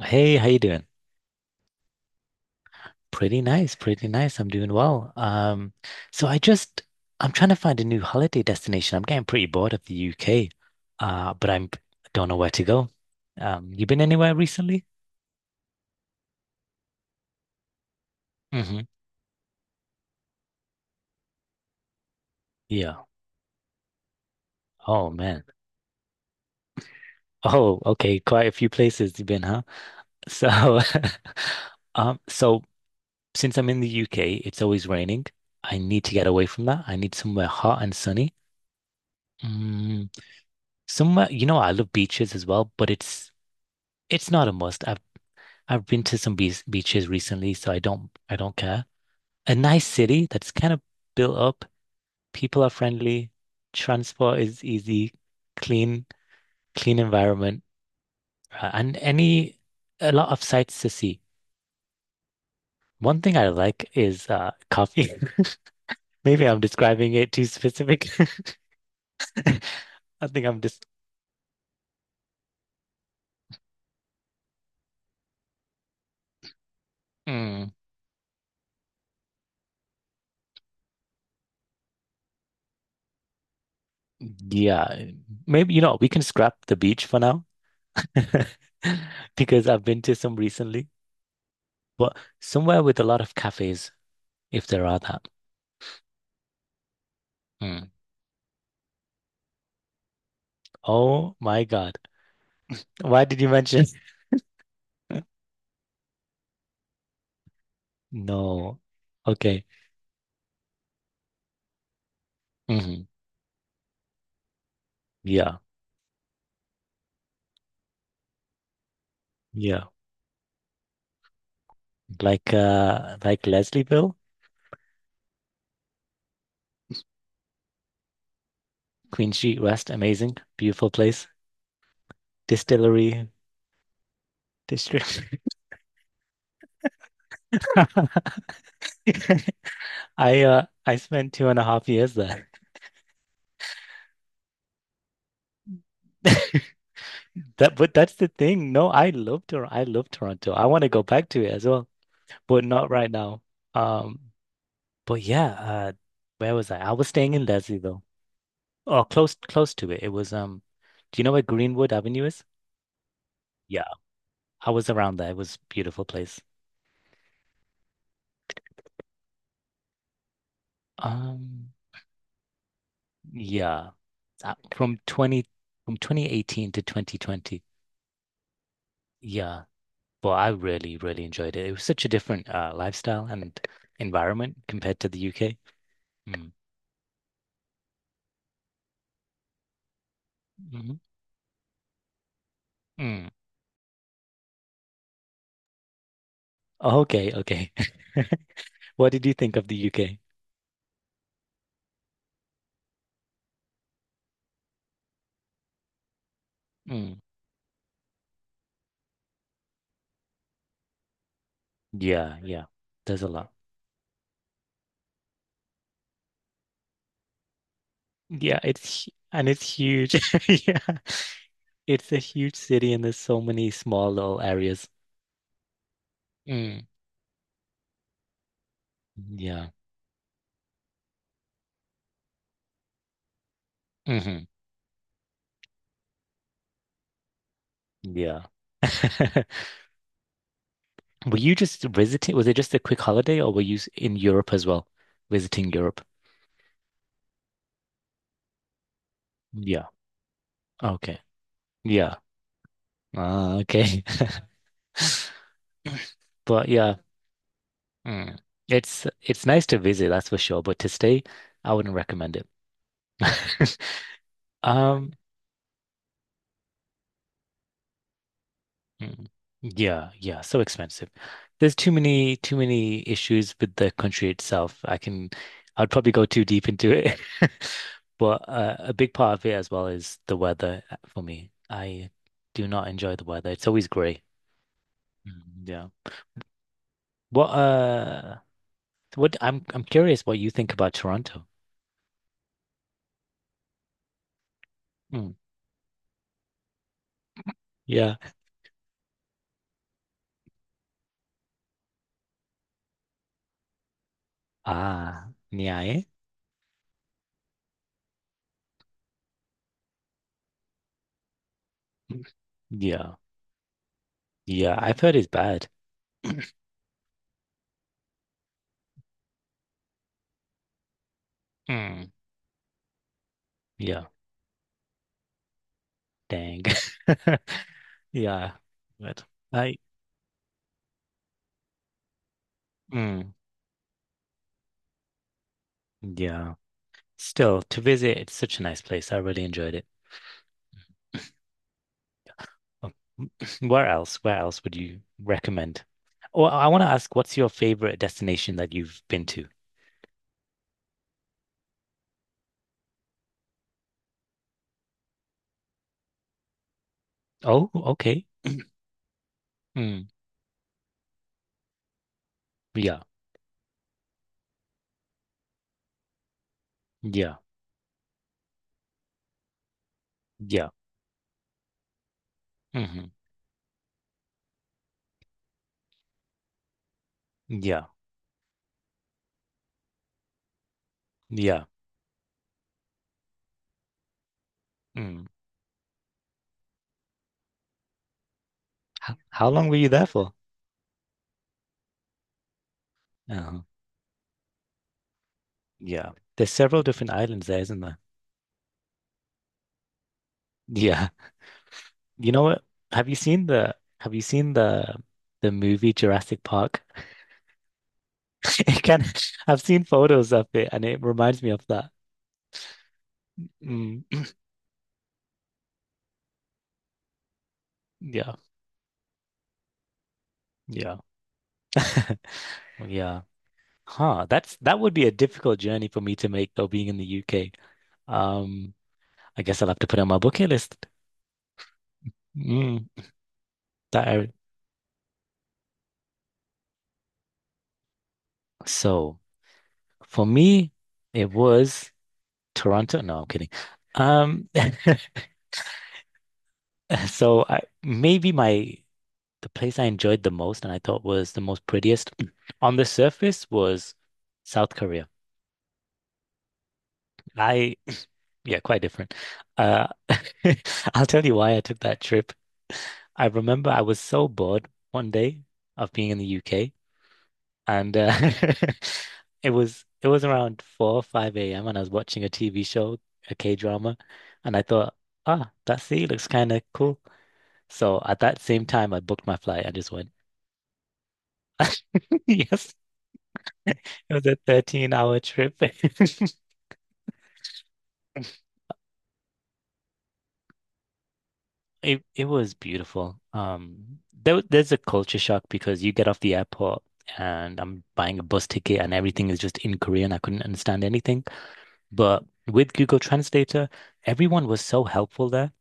Hey, how you doing? Pretty nice, pretty nice. I'm doing well. So I just I'm trying to find a new holiday destination. I'm getting pretty bored of the UK, but I'm don't know where to go. You been anywhere recently? hmm Yeah. Oh man. Oh, okay. Quite a few places you've been, huh? So, um, so since I'm in the UK, it's always raining. I need to get away from that. I need somewhere hot and sunny. Mm, Somewhere, I love beaches as well, but it's not a must. I've been to some beaches recently, so I don't care. A nice city that's kind of built up. People are friendly. Transport is easy. Clean, clean environment, and any a lot of sights to see. One thing I like is coffee. Maybe I'm describing it too specific. I think I'm just mm, Yeah. Maybe we can scrap the beach for now because I've been to some recently. But somewhere with a lot of cafes, if there are that. Mm. Oh my God. Why did you mention? No. Okay. hmm Yeah. Yeah. Like Leslieville, Queen Street West, amazing, beautiful place. Distillery district. I spent 2.5 years there. That but that's the thing. No, I love Tor. I love Toronto. I want to go back to it as well, but not right now. Um But yeah, uh, where was I? I was staying in Leslie though, or close to it. It was do you know where Greenwood Avenue is? Yeah, I was around there. It was a beautiful place. Um, yeah, uh, from 20 from 2018 to 2020. Yeah, well, I really enjoyed it. It was such a different lifestyle and environment compared to the UK. Mm. hmm Mm. Okay, okay. What did you think of the UK? Mm. Yeah, yeah. There's a lot. Yeah, it's and it's huge. Yeah. It's a huge city and there's so many small little areas. Mm. Yeah. hmm Yeah. Were you just visiting? Was it just a quick holiday or were you in Europe as well? Visiting Europe? Yeah. Okay. Yeah. Ah, okay. But yeah, mm, it's nice to visit, that's for sure, but to stay, I wouldn't recommend it. Um, Mm. Yeah, yeah, so expensive. There's too many issues with the country itself. I'd probably go too deep into it. But a big part of it as well is the weather for me. I do not enjoy the weather. It's always gray. Mm, Yeah. What uh what I'm curious what you think about Toronto. Mm, Yeah. Ah, yeah. eh? Mm, Yeah. Yeah, I've heard it's bad. Mm. Yeah. Dang. Yeah, but I, mm, yeah, still to visit, it's such a nice place. I really enjoyed it. Oh, Where else? Where else would you recommend? Or I want to ask, what's your favorite destination that you've been to? Oh, okay. Mm, yeah, yeah, yeah, hmm yeah, yeah. Mm. How long were you there for? uh Yeah, there's several different islands there, isn't there? Yeah. You know what? Have you seen the movie Jurassic Park? It can, I've seen photos of it and it reminds me of that. Mm, yeah, yeah, yeah. Huh. That's that would be a difficult journey for me to make though, being in the UK. Um, I guess I'll have to put it on my bucket list. Mm, that I- so for me, it was Toronto. No, I'm kidding. Um, so I maybe my The place I enjoyed the most and I thought was the most prettiest on the surface was South Korea. I, yeah, quite different. Uh, I'll tell you why I took that trip. I remember I was so bored one day of being in the UK, and it was around 4 or 5 a.m. and I was watching a TV show, a K-drama, and I thought, ah, that sea looks kind of cool. So at that same time, I booked my flight I just went. Yes, it was a 13-hour trip. It was beautiful. There's a culture shock because you get off the airport and I'm buying a bus ticket and everything is just in Korean. I couldn't understand anything. But with Google Translator, everyone was so helpful there.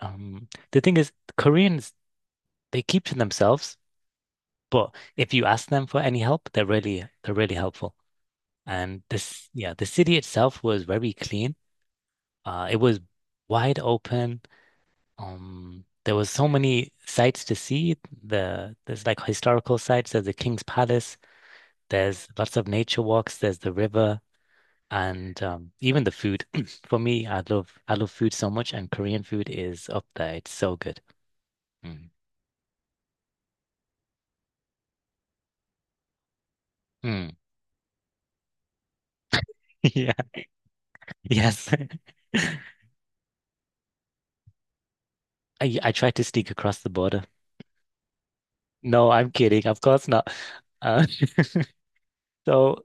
The thing is, Koreans they keep to themselves, but if you ask them for any help, they're really helpful. And yeah, the city itself was very clean. It was wide open. There was so many sites to see. There's like historical sites. There's the King's Palace. There's lots of nature walks. There's the river, and even the food. For me, I love food so much, and Korean food is up there. It's so good. Mm. Mm. Yeah. Yes. I I tried to sneak across the border. No, I'm kidding. Of course not. Uh, so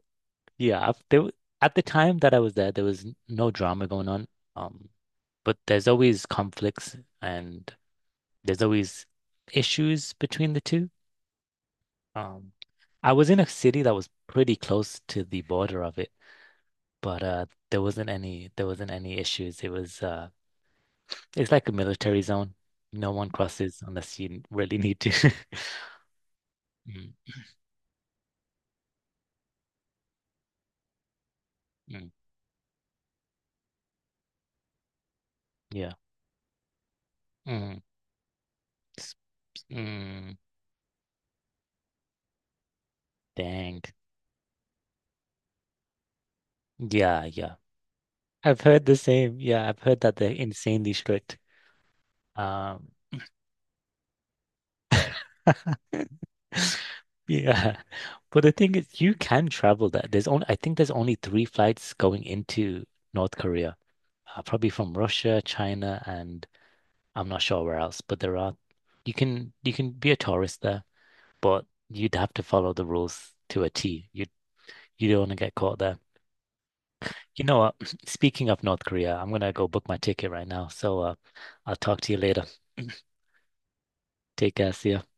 Yeah, at the time that I was there, there was no drama going on. Um, but there's always conflicts and there's always issues between the two. Um, I was in a city that was pretty close to the border of it, but there wasn't any issues. It was it's like a military zone. No one crosses unless you really need to. Mm, mm, yeah. Mm, s- s- mm, Dang. Yeah, yeah. I've heard the same. Yeah, I've heard that they're insanely strict. Um, yeah. But the thing is, you can travel there. There's only, I think there's only three flights going into North Korea, probably from Russia, China, and I'm not sure where else, but there are, you can be a tourist there, but you'd have to follow the rules to a T. You don't want to get caught there. You know what? Speaking of North Korea, I'm gonna go book my ticket right now. So, I'll talk to you later. Take care. See ya.